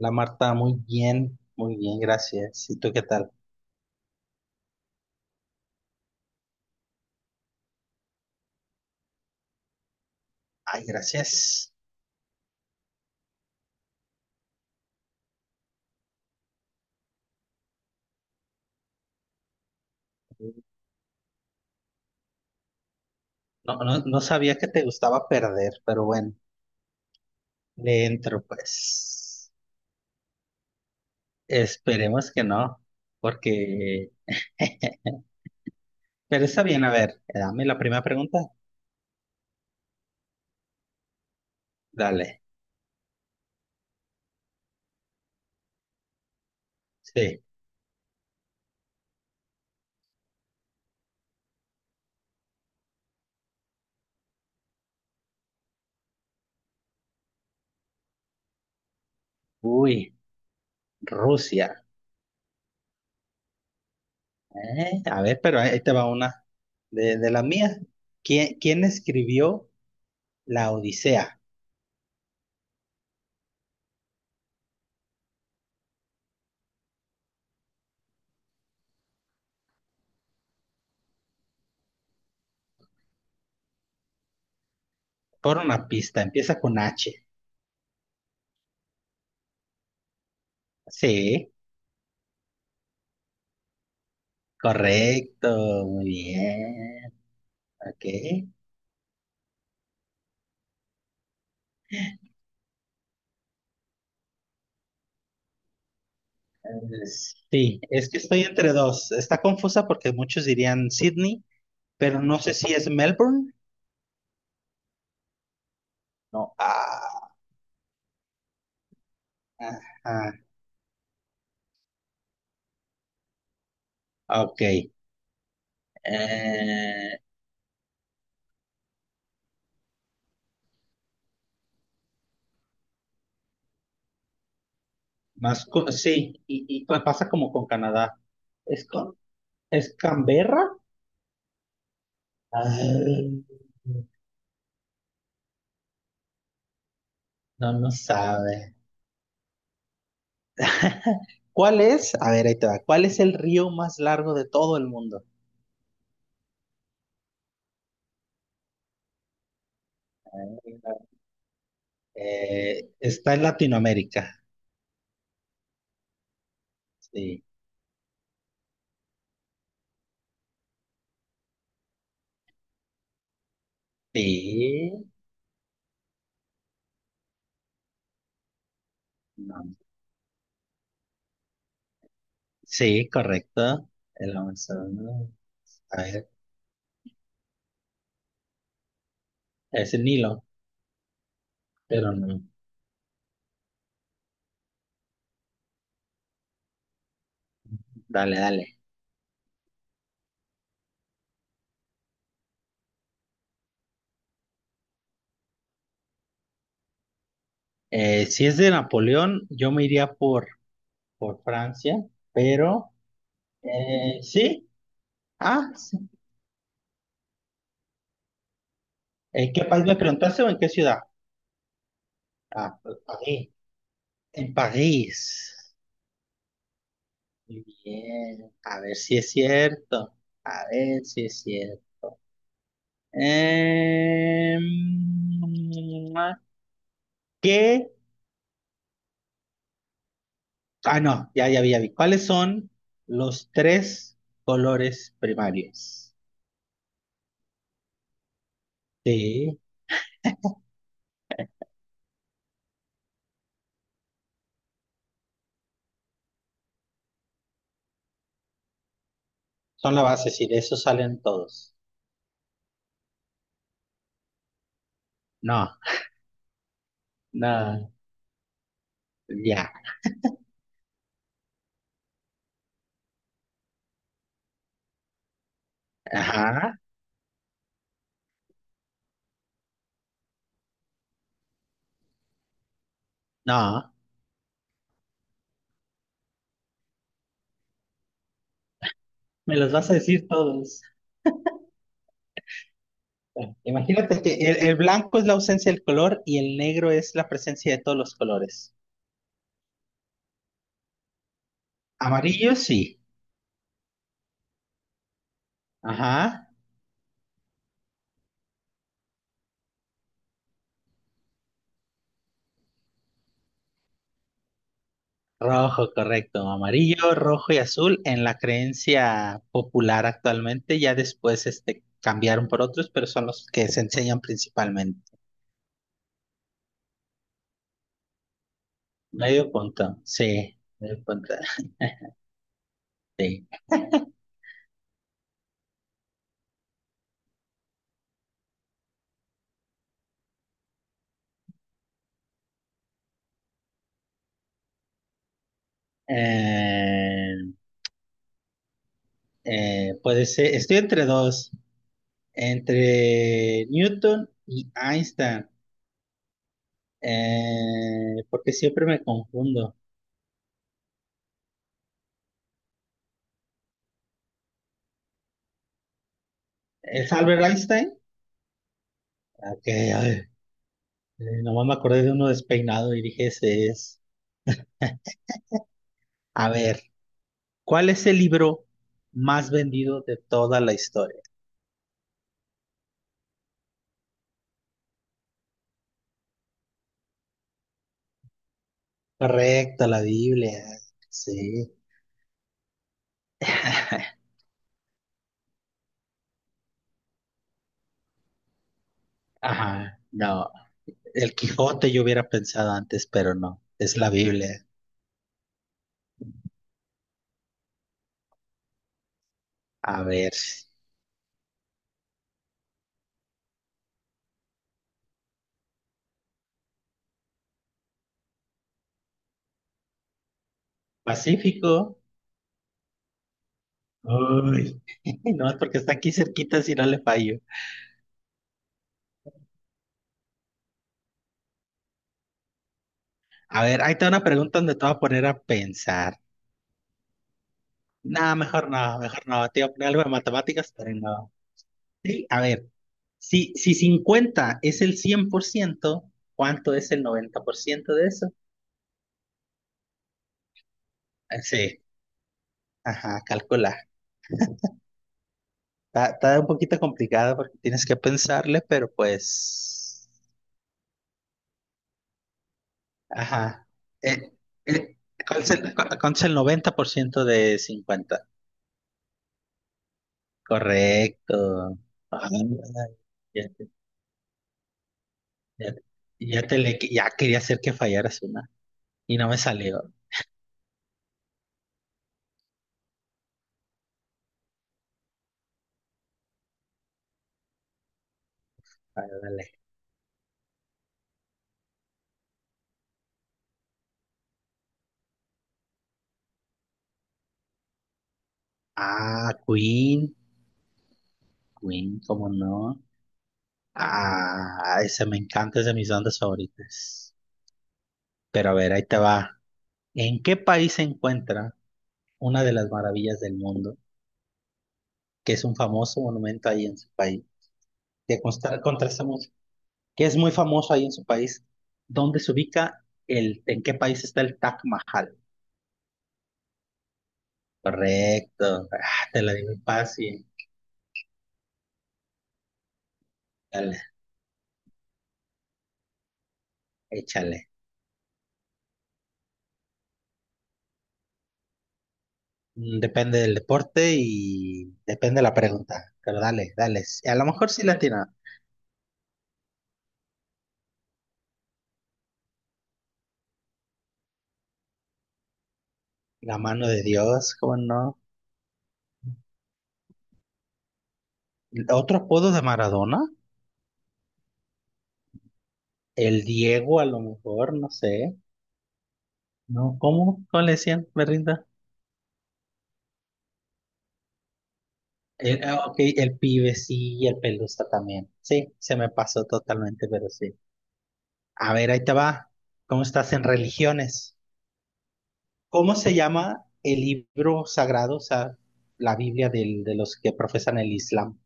La Marta, muy bien, gracias. ¿Y tú qué tal? Ay, gracias. No, no, no sabía que te gustaba perder, pero bueno, le entro, pues. Esperemos que no, porque Pero está bien, a ver, dame la primera pregunta. Dale, sí. Uy, Rusia. A ver, pero ahí te va una de la mía. ¿Quién escribió La Odisea? Por una pista, empieza con H. Sí. Correcto, muy bien. Ok. Sí, es que estoy entre dos. Está confusa porque muchos dirían Sydney, pero no sé si es Melbourne. No. Ah, ajá, ok. Eh, sí, y pasa como con Canadá. ¿Es, con, es Canberra? Ay, no, no sabe. ¿Cuál es? A ver, ahí te va. ¿Cuál es el río más largo de todo el mundo? Está en Latinoamérica. Sí. Sí. No. Sí, correcto. El Amazonas. A ver, es el Nilo, pero no. Dale, dale. Si es de Napoleón, yo me iría por Francia, pero sí. Ah, sí. ¿En qué país me preguntaste o en qué ciudad? Ah, pues, París. En París. Muy bien. A ver si es cierto. A ver si es cierto. Em, ¿Qué? Ah, no, ya, ya vi. ¿Cuáles son los tres colores primarios? Sí, son la base, sí, de eso salen todos. No, no, ya, ajá, no, me los vas a decir todos. Bueno, imagínate que el blanco es la ausencia del color y el negro es la presencia de todos los colores. Amarillo, sí, ajá. Rojo, correcto. Amarillo, rojo y azul en la creencia popular actualmente. Ya después cambiaron por otros, pero son los que se enseñan principalmente. Medio punto, sí. Medio punto, sí. Eh, Puede ser, estoy entre dos, entre Newton y Einstein, porque siempre me confundo. ¿Es Albert Einstein? Ok, ay, nomás me acordé de uno despeinado y dije, ese es. A ver. ¿Cuál es el libro más vendido de toda la historia? Correcto, la Biblia. Sí. Ajá, no. El Quijote yo hubiera pensado antes, pero no. Es la Biblia. A ver. Pacífico. Uy. No, es porque está aquí cerquita si no le fallo. A ver, ahí está una pregunta donde te voy a poner a pensar. No, mejor no, mejor no. Te iba a poner algo de matemáticas, pero no. Sí, a ver. Si 50 es el 100%, ¿cuánto es el 90% de eso? Sí, ajá, calcula. Está un poquito complicado porque tienes que pensarle, pero pues, ajá. Eh, eh, ¿Cuál es el, cu- cuánto es el 90% de 50? Correcto. Ah, ya, ya, ya quería hacer que fallaras una y no me salió. Ah, dale. Ah, Queen, Queen, ¿cómo no? Ah, esa me encanta, es de mis bandas favoritas. Pero a ver, ahí te va. ¿En qué país se encuentra una de las maravillas del mundo, que es un famoso monumento ahí en su país? Que contrasta mucho, que es muy famoso ahí en su país. ¿Dónde se ubica el, ¿En qué país está el Taj Mahal? Correcto. Ah, te la digo fácil. Dale, échale. Depende del deporte y depende de la pregunta. Pero dale, dale. A lo mejor sí la tiene. La mano de Dios, ¿cómo no? Otro apodo de Maradona, el Diego a lo mejor, no sé. No, ¿cómo? ¿Cómo le decían? Me rinda. Ah, ok, el pibe sí, y el pelusa también. Sí, se me pasó totalmente, pero sí. A ver, ahí te va. ¿Cómo estás en religiones? ¿Cómo se llama el libro sagrado, o sea, la Biblia de los que profesan el Islam?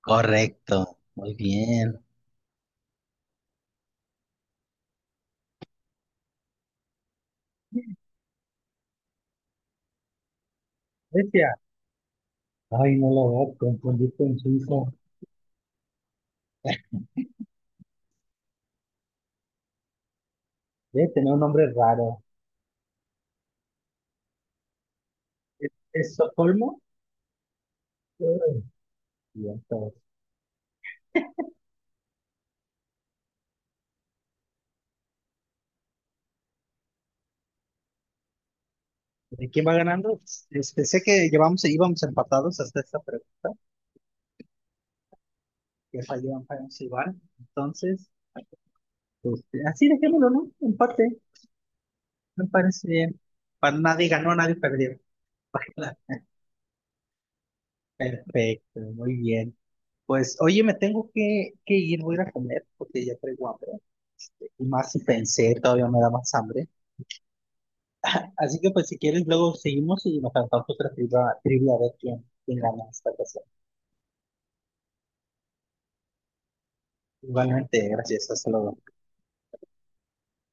Correcto, muy bien. Grecia. Ay, no lo voy a confundir con Suiza. Debe tener un nombre raro. ¿Es Estocolmo? Y hasta- ¿De quién va ganando? Pensé que íbamos empatados hasta esta pregunta, que falló Vamos Iván. Entonces, así dejémoslo, ¿no? Empate, me parece bien. Para nadie ganó, nadie perdió. Perfecto, muy bien. Pues, oye, me tengo que ir, voy a ir a comer porque ya traigo hambre. Y más si pensé, todavía me da más hambre. Así que, pues, si quieres, luego seguimos y nos cantamos otra trivia a ver quién gana esta ocasión. Igualmente, gracias, hasta luego.